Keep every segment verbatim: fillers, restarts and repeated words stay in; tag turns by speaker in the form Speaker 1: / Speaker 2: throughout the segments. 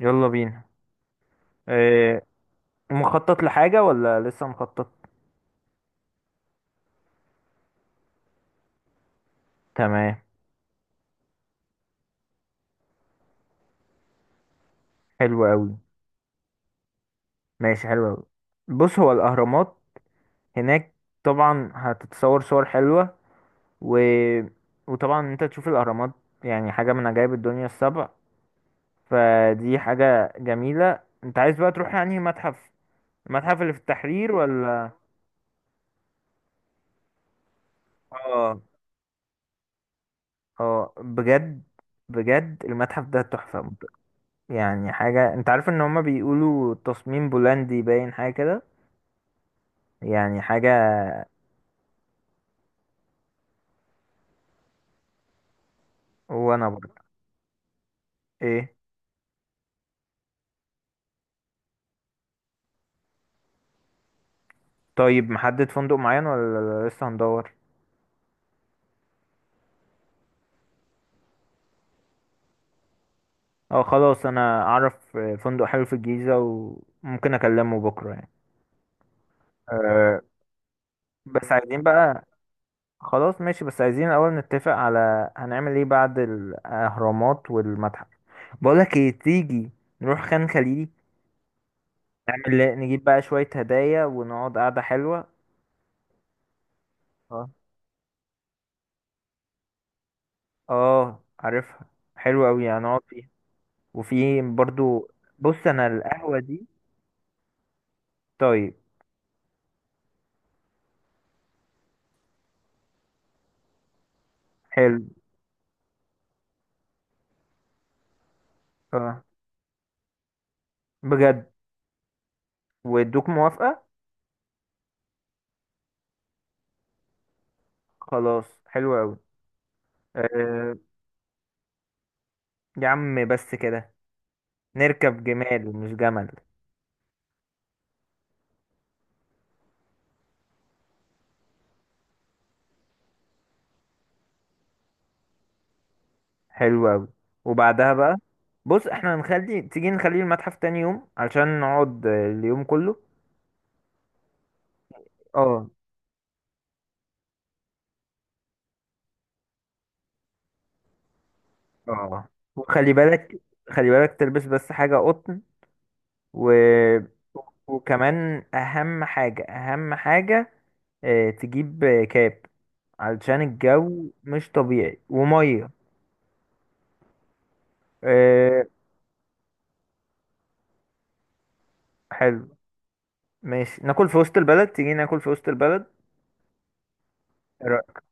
Speaker 1: يلا بينا. إيه؟ مخطط لحاجة ولا لسه مخطط؟ تمام. حلو قوي. ماشي، حلو قوي. بص، هو الأهرامات هناك، طبعا هتتصور صور حلوة. و... وطبعا انت تشوف الأهرامات، يعني حاجة من عجائب الدنيا السبع. فدي حاجة جميلة، انت عايز بقى تروح يعني متحف المتحف اللي في التحرير ولا؟ اه، اه، بجد. بجد المتحف ده تحفة. يعني حاجة، انت عارف ان هما بيقولوا تصميم بولندي باين حاجة كده. يعني حاجة. وانا برضه. ايه، طيب محدد فندق معين ولا لسه هندور؟ اه، خلاص، انا اعرف فندق حلو في الجيزة، وممكن اكلمه بكرة يعني. أه. بس عايزين بقى خلاص ماشي، بس عايزين الاول نتفق على، هنعمل ايه بعد الاهرامات والمتحف. بقولك ايه، تيجي نروح خان خليلي؟ نعمل نجيب بقى شوية هدايا ونقعد قعدة حلوة. اه، اه، عارفها. حلوة اوي هنقعد فيها. وفي برضو. بص انا القهوة دي. طيب. حلو. اه، بجد؟ وادوك موافقة؟ خلاص، حلو أوي. أه. يا عم بس كده! نركب جمال، مش جمل! حلو أوي. وبعدها بقى، بص احنا هنخلي تيجي نخلي المتحف تاني يوم علشان نقعد آه، اليوم كله. اه، اه. وخلي بالك، خلي بالك تلبس بس حاجة قطن. و... وكمان أهم حاجة، أهم حاجة، آه، تجيب آه، كاب، علشان الجو مش طبيعي ومية. إيه. حلو. ماشي، ناكل في وسط البلد، تيجي ناكل في وسط البلد؟ إيه رأيك؟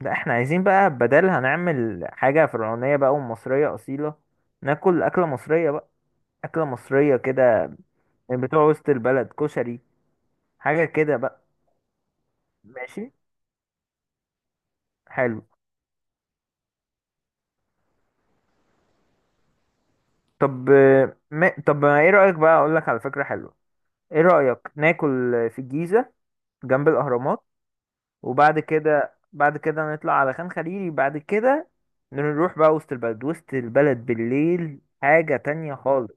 Speaker 1: لا، احنا عايزين بقى بدل، هنعمل حاجة فرعونية بقى ومصرية أصيلة. ناكل أكلة مصرية بقى، أكلة مصرية كده، من بتوع وسط البلد، كشري، حاجة كده بقى. ماشي. حلو. طب آه، ما... طب ما ايه رأيك بقى، أقولك على فكرة حلوة. ايه رأيك، ناكل في الجيزة جنب الأهرامات؟ وبعد كده بعد كده نطلع على خان خليلي بعد كده. نروح بقى وسط البلد، وسط البلد بالليل حاجة تانية خالص.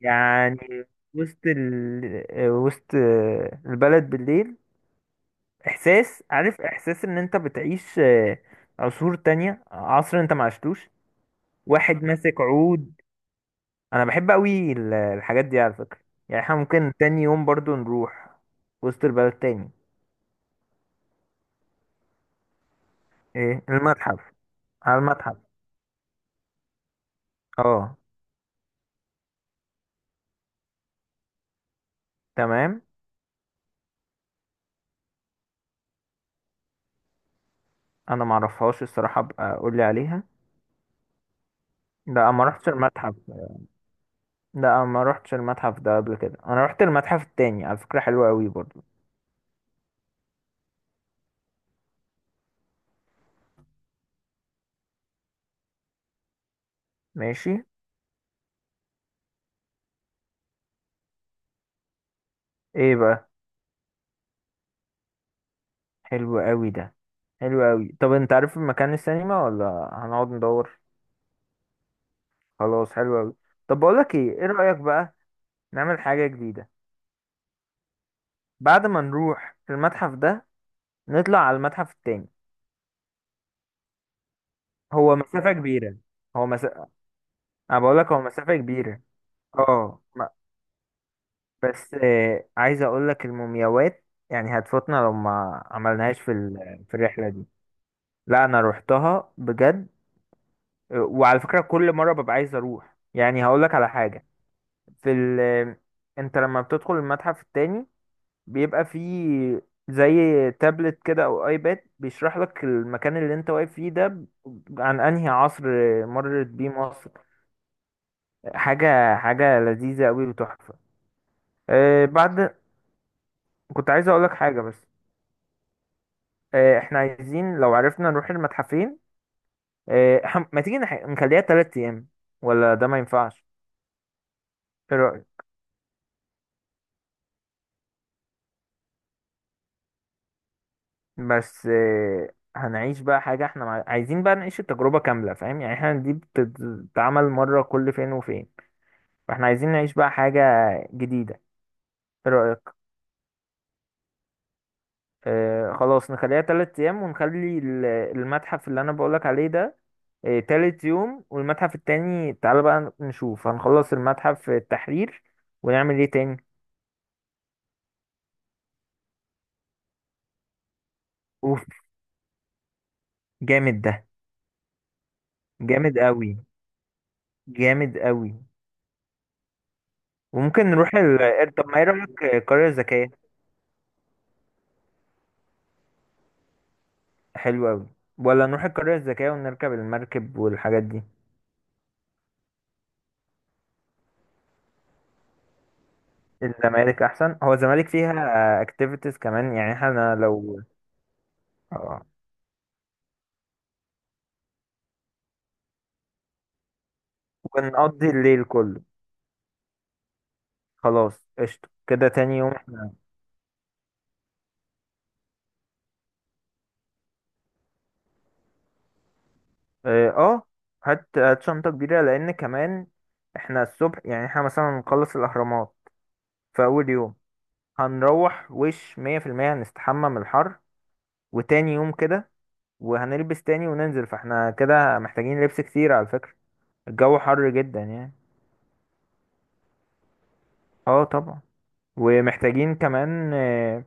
Speaker 1: يعني وسط ال... وسط البلد بالليل، إحساس، عارف، إحساس إن أنت بتعيش آه، عصور تانية، عصر أنت ما عشتوش. واحد ماسك عود. أنا بحب أوي ال- الحاجات دي على فكرة. يعني إحنا ممكن تاني يوم برضو نروح وسط البلد تاني. إيه، المتحف؟ على المتحف. اه. تمام. انا ما اعرفهاش الصراحه، ابقى قول لي عليها. لا، ما رحتش المتحف. لا، ما رحتش المتحف ده قبل كده. انا رحت المتحف التاني، على فكره حلو قوي برضو. ماشي. ايه بقى؟ حلو قوي ده. حلو قوي. طب انت عارف مكان السينما ولا هنقعد ندور؟ خلاص، حلو قوي. طب بقول لك ايه، ايه رايك بقى نعمل حاجه جديده، بعد ما نروح المتحف ده نطلع على المتحف التاني؟ هو مسافه كبيره. هو مسافه انا بقول لك هو مسافه كبيره. اه. بس آه، عايز اقول لك المومياوات، يعني هتفوتنا لو ما عملناهاش في ال- في الرحله دي. لا، انا روحتها بجد. آه، وعلى فكره كل مره ببقى عايز اروح، يعني هقول لك على حاجه. في ال آه، انت لما بتدخل المتحف التاني بيبقى فيه زي تابلت كده او ايباد بيشرح لك المكان اللي انت واقف فيه ده. ب- عن انهي عصر مرت بيه مصر. حاجه، حاجه لذيذه قوي وتحفه. آه، بعد كنت عايز اقول لك حاجه بس. آه، احنا عايزين لو عرفنا نروح المتحفين. آه، إحنا- ما تيجي نح- نخليها تلات ايام، ولا ده ما ينفعش؟ ايه رأيك؟ بس آه، هنعيش بقى حاجة، احنا مع- عايزين بقى نعيش التجربة كاملة، فاهم؟ يعني احنا دي بتتعمل مرة كل فين وفين. فاحنا عايزين نعيش بقى حاجة جديدة. ايه رأيك؟ آه، خلاص نخليها تلات ايام، ونخلي ال- المتحف اللي انا بقولك عليه ده. آه، تالت يوم، والمتحف التاني، تعالى بقى نشوف هنخلص المتحف التحرير ونعمل ايه تاني. اوف! جامد ده. جامد قوي، جامد قوي. وممكن نروح ال... طب ما ايه رأيك، القرية الذكية؟ حلو قوي. ولا نروح القرية الذكية ونركب المركب والحاجات دي؟ الزمالك احسن. هو الزمالك فيها اكتيفيتيز كمان. يعني احنا لو. آه. ونقضي الليل كله. خلاص، قشطة كده. تاني يوم احنا. اه. آه، هات، هات شنطة كبيرة، لان كمان احنا الصبح، يعني احنا مثلا نخلص الاهرامات في اول يوم. هنروح وش مية في المية هنستحمى من الحر. وتاني يوم كده وهنلبس تاني وننزل، فاحنا كده محتاجين لبس كتير على فكرة. الجو حر جدا يعني. اه، طبعا. ومحتاجين كمان آه،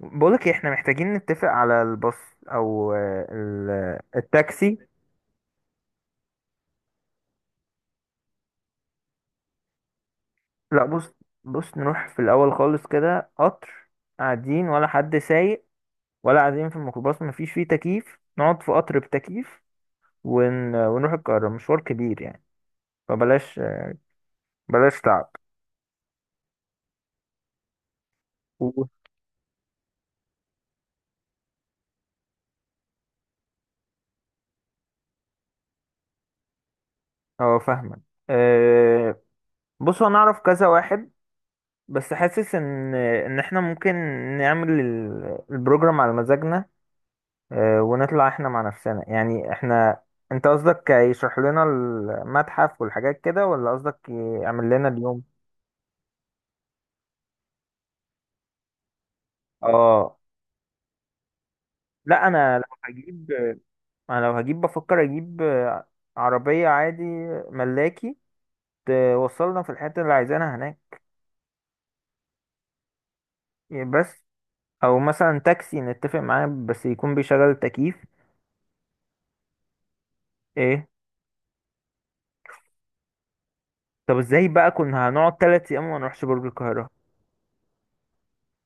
Speaker 1: بقولك إيه، احنا محتاجين نتفق على الباص، او آه، ال- التاكسي. لا، بص، بص، نروح في الاول خالص كده قطر. قاعدين ولا حد سايق؟ ولا قاعدين في الميكروباص مفيش فيه تكييف؟ نقعد في قطر بتكييف. ون... ونروح القاهرة مشوار كبير يعني. فبلاش، بلاش تعب. و- اه، فاهمك. آه، بص، انا اعرف كذا واحد، بس حاسس ان ان احنا ممكن نعمل ال- البروجرام على مزاجنا. آه، ونطلع احنا مع نفسنا يعني احنا. انت قصدك يشرح لنا المتحف والحاجات كده، ولا قصدك يعمل لنا اليوم؟ اه. لا، انا لو هجيب انا لو هجيب بفكر اجيب آه، عربية عادي. ملاكي. توصلنا في الحتة اللي عايزينها هناك. بس. او مثلا تاكسي نتفق معاه بس يكون بيشغل التكييف. ايه؟ طب ازاي بقى كنا هنقعد تلات ايام وما نروحش برج القاهرة؟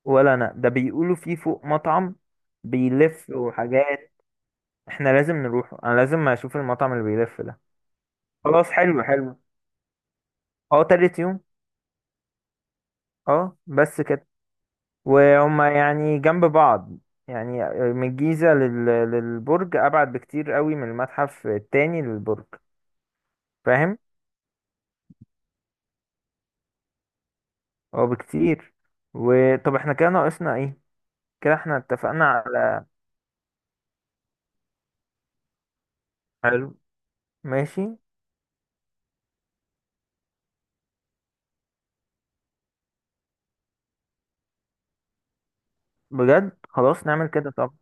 Speaker 1: ولا انا، ده بيقولوا فيه فوق مطعم بيلف وحاجات. احنا لازم نروحه، انا لازم اشوف المطعم اللي بيلف ده. خلاص، حلو، حلو. اه، تالت يوم. اه، بس كده. وهما يعني جنب بعض. يعني من الجيزة لل... للبرج، ابعد بكتير قوي من المتحف التاني للبرج. فاهم. اه، بكتير. وطب احنا كده ناقصنا ايه؟ كده احنا اتفقنا على. حلو. ماشي. بجد، خلاص نعمل كده طب.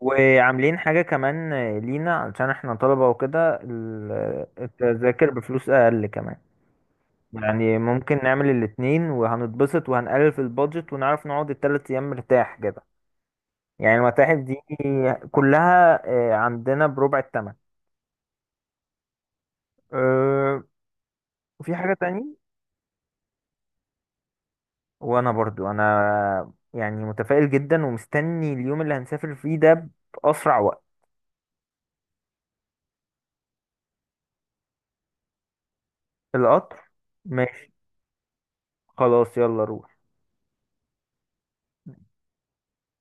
Speaker 1: وعاملين حاجة كمان لينا علشان احنا طلبة وكده، ال- التذاكر بفلوس أقل كمان. يعني ممكن نعمل الاتنين، وهنتبسط وهنقلل في البادجت ونعرف نقعد التلات أيام مرتاح كده. يعني المتاحف دي كلها آه، عندنا بربع التمن. آه، وفي حاجة تاني. وأنا برضو أنا يعني متفائل جدا ومستني اليوم اللي هنسافر فيه ده بأسرع وقت. القطر. ماشي. خلاص، يلا روح.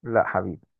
Speaker 1: لا، حبيبي.